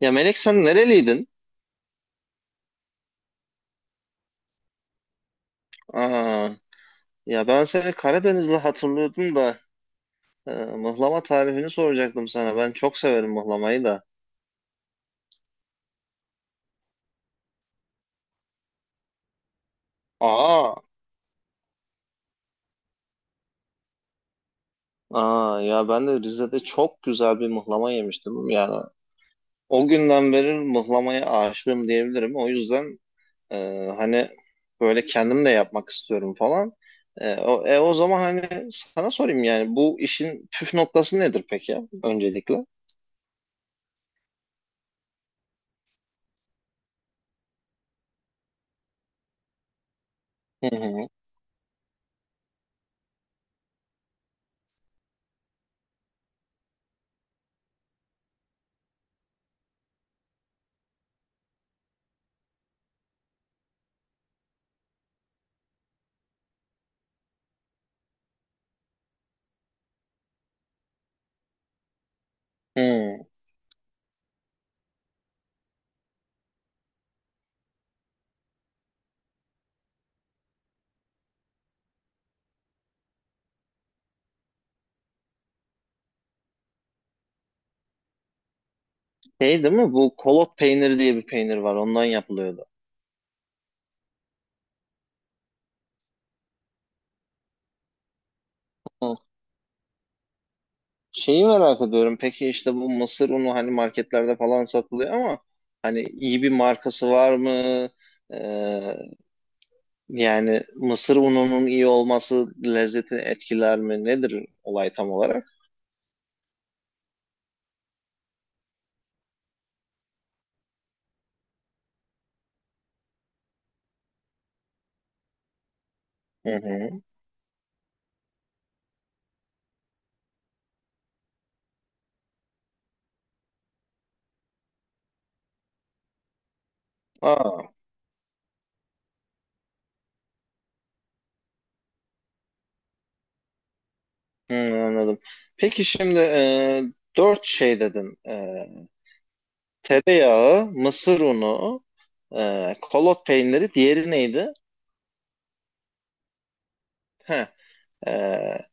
Ya Melek sen nereliydin? Aa, ya ben seni Karadenizli hatırlıyordum da mıhlama tarifini soracaktım sana. Ben çok severim mıhlamayı da. Aa, aa, ya ben de Rize'de çok güzel bir mıhlama yemiştim. Yani o günden beri mıhlamaya aşığım diyebilirim. O yüzden e, hani böyle kendim de yapmak istiyorum falan. O zaman hani sana sorayım, yani bu işin püf noktası nedir peki öncelikle? Hı hı. Hı. Şey değil mi? Bu kolot peyniri diye bir peynir var. Ondan yapılıyordu. Hı. Şeyi merak ediyorum. Peki işte bu mısır unu hani marketlerde falan satılıyor ama hani iyi bir markası var mı? Ee, Yani mısır ununun iyi olması lezzeti etkiler mi? Nedir olay tam olarak? Hı hı. Aa, hı, anladım. Peki şimdi, dört şey dedin. Tereyağı, mısır unu, kolot peyniri. Diğeri neydi? Heh. e,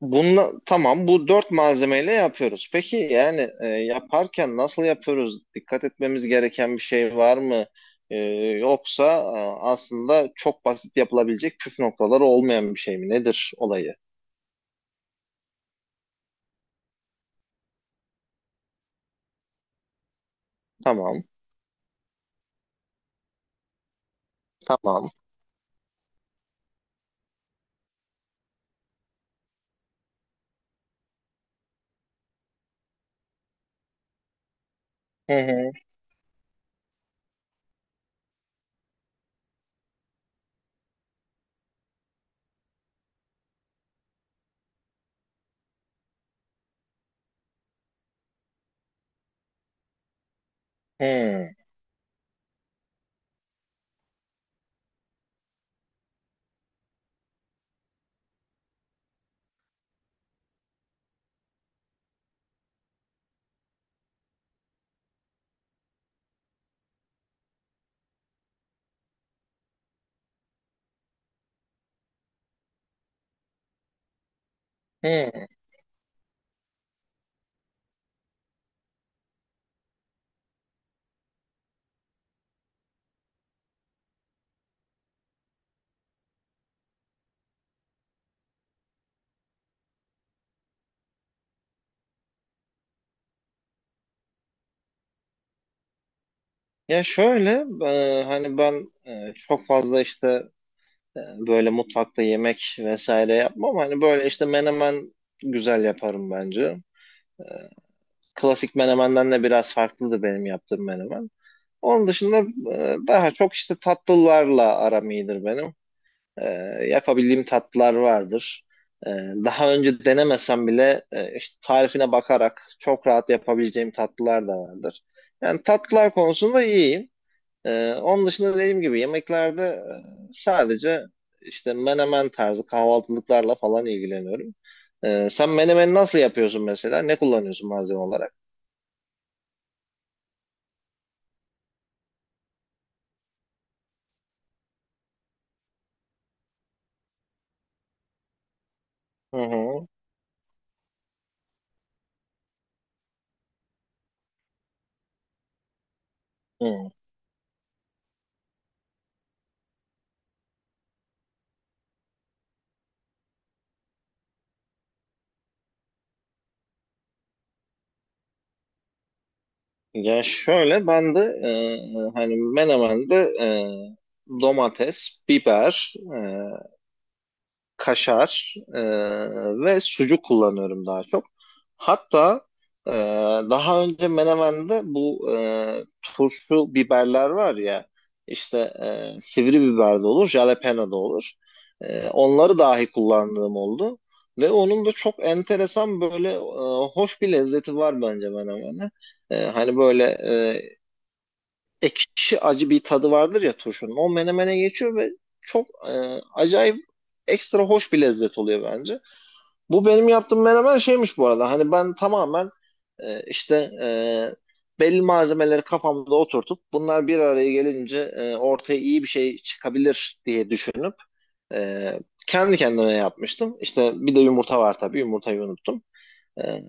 Tamam, bu dört malzemeyle yapıyoruz. Peki yani yaparken nasıl yapıyoruz? Dikkat etmemiz gereken bir şey var mı? E, Yoksa aslında çok basit, yapılabilecek püf noktaları olmayan bir şey mi? Nedir olayı? Tamam, tamam. Hı hı, hı, hı. Ya şöyle, hani ben çok fazla işte e, böyle mutfakta yemek vesaire yapmam. Hani böyle işte menemen güzel yaparım bence. E, Klasik menemenden de biraz farklıdır benim yaptığım menemen. Onun dışında daha çok işte tatlılarla aram iyidir benim. E, Yapabildiğim tatlılar vardır. E, Daha önce denemesem bile işte tarifine bakarak çok rahat yapabileceğim tatlılar da vardır. Yani tatlılar konusunda iyiyim. Onun dışında, dediğim gibi, yemeklerde sadece işte menemen tarzı kahvaltılıklarla falan ilgileniyorum. Sen menemeni nasıl yapıyorsun mesela? Ne kullanıyorsun malzeme olarak? Hı hı. Hı. Ya şöyle ben de, hani menemende e, domates, biber, kaşar ve sucuk kullanıyorum daha çok. Hatta e, daha önce Menemen'de bu turşu biberler var ya, işte sivri biber de olur, jalapeno da olur. Onları dahi kullandığım oldu. Ve onun da çok enteresan, böyle hoş bir lezzeti var bence Menemen'e. Hani böyle ekşi acı bir tadı vardır ya turşunun. O menemene geçiyor ve çok acayip, ekstra hoş bir lezzet oluyor bence. Bu benim yaptığım menemen şeymiş bu arada. Hani ben tamamen işte belli malzemeleri kafamda oturtup bunlar bir araya gelince ortaya iyi bir şey çıkabilir diye düşünüp e, kendi kendime yapmıştım. İşte bir de yumurta var tabii. Yumurtayı unuttum. E,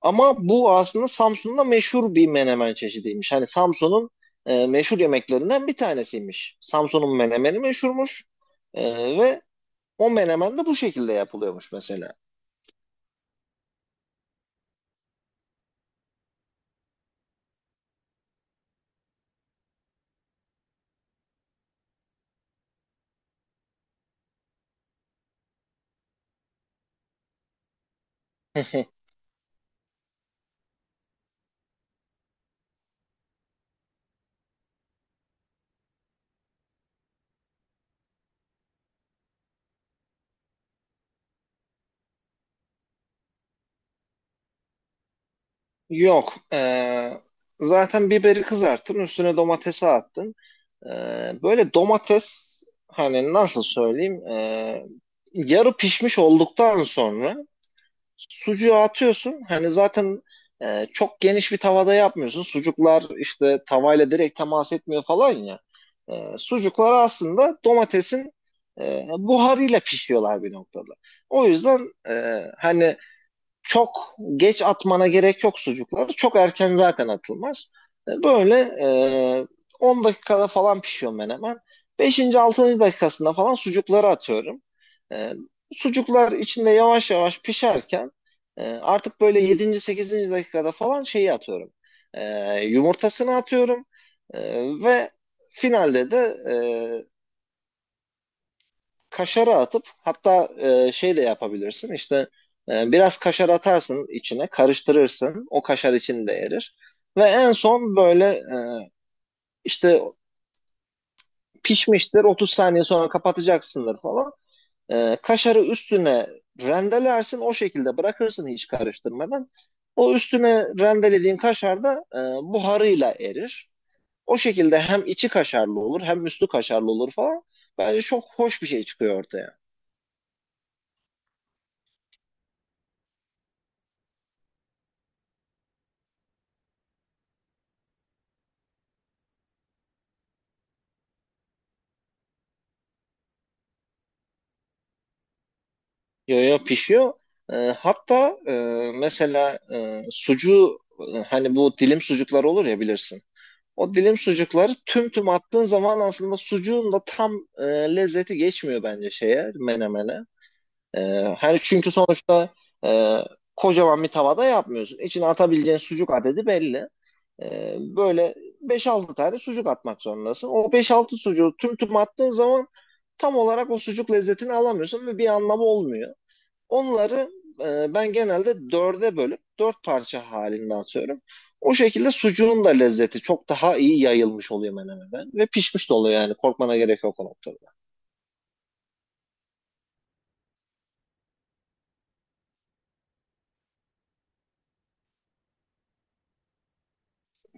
Ama bu aslında Samsun'da meşhur bir menemen çeşidiymiş. Hani Samsun'un meşhur yemeklerinden bir tanesiymiş. Samsun'un menemeni meşhurmuş. E, Ve o menemen de bu şekilde yapılıyormuş mesela. Yok. Zaten biberi kızarttın, üstüne domatesi attın. E, Böyle domates, hani nasıl söyleyeyim, yarı pişmiş olduktan sonra sucuğu atıyorsun. Hani zaten çok geniş bir tavada yapmıyorsun. Sucuklar işte tavayla direkt temas etmiyor falan ya. Sucuklar aslında domatesin buharıyla pişiyorlar bir noktada. O yüzden hani çok geç atmana gerek yok sucukları. Çok erken zaten atılmaz. Böyle e, 10 dakikada falan pişiyor menemen. 5. 6. dakikasında falan sucukları atıyorum. E, Sucuklar içinde yavaş yavaş pişerken artık böyle 7. 8. dakikada falan şeyi atıyorum. E, Yumurtasını atıyorum. Ve finalde de e, kaşarı atıp, hatta şey de yapabilirsin, işte biraz kaşar atarsın içine, karıştırırsın, o kaşar içinde erir. Ve en son böyle işte pişmiştir, 30 saniye sonra kapatacaksındır falan. Kaşarı üstüne rendelersin, o şekilde bırakırsın hiç karıştırmadan. O üstüne rendelediğin kaşar da buharıyla erir, o şekilde hem içi kaşarlı olur hem üstü kaşarlı olur falan. Bence çok hoş bir şey çıkıyor ortaya. Yo, yo, pişiyor. Hatta mesela sucuğu, hani bu dilim sucuklar olur ya, bilirsin. O dilim sucukları tüm tüm attığın zaman aslında sucuğun da tam e, lezzeti geçmiyor bence menemene. E, Hani çünkü sonuçta e, kocaman bir tavada yapmıyorsun. İçine atabileceğin sucuk adedi belli. Böyle beş altı tane sucuk atmak zorundasın. O beş altı sucuğu tüm tüm attığın zaman tam olarak o sucuk lezzetini alamıyorsun ve bir anlamı olmuyor. Onları ben genelde dörde bölüp dört parça halinde atıyorum. O şekilde sucuğun da lezzeti çok daha iyi yayılmış oluyor menemeden ve pişmiş de oluyor, yani korkmana gerek yok o noktada.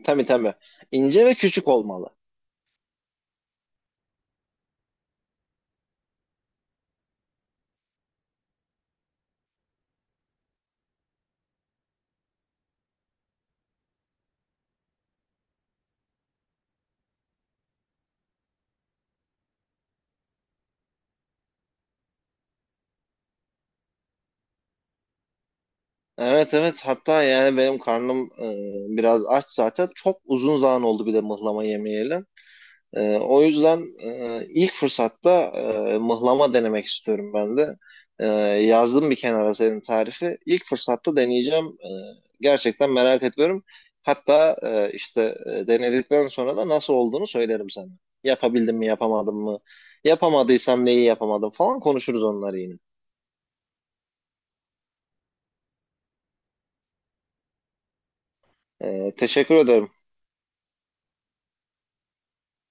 Tabii, tabii. İnce ve küçük olmalı. Evet, evet, hatta yani benim karnım biraz aç zaten. Çok uzun zaman oldu bir de mıhlama yemeyelim. O yüzden ilk fırsatta mıhlama denemek istiyorum ben de. Ee, Yazdım bir kenara senin tarifi. İlk fırsatta deneyeceğim. Gerçekten merak ediyorum. Hatta işte denedikten sonra da nasıl olduğunu söylerim sana. Yapabildim mi, yapamadım mı? Yapamadıysam neyi yapamadım falan konuşuruz onları yine. Teşekkür ederim.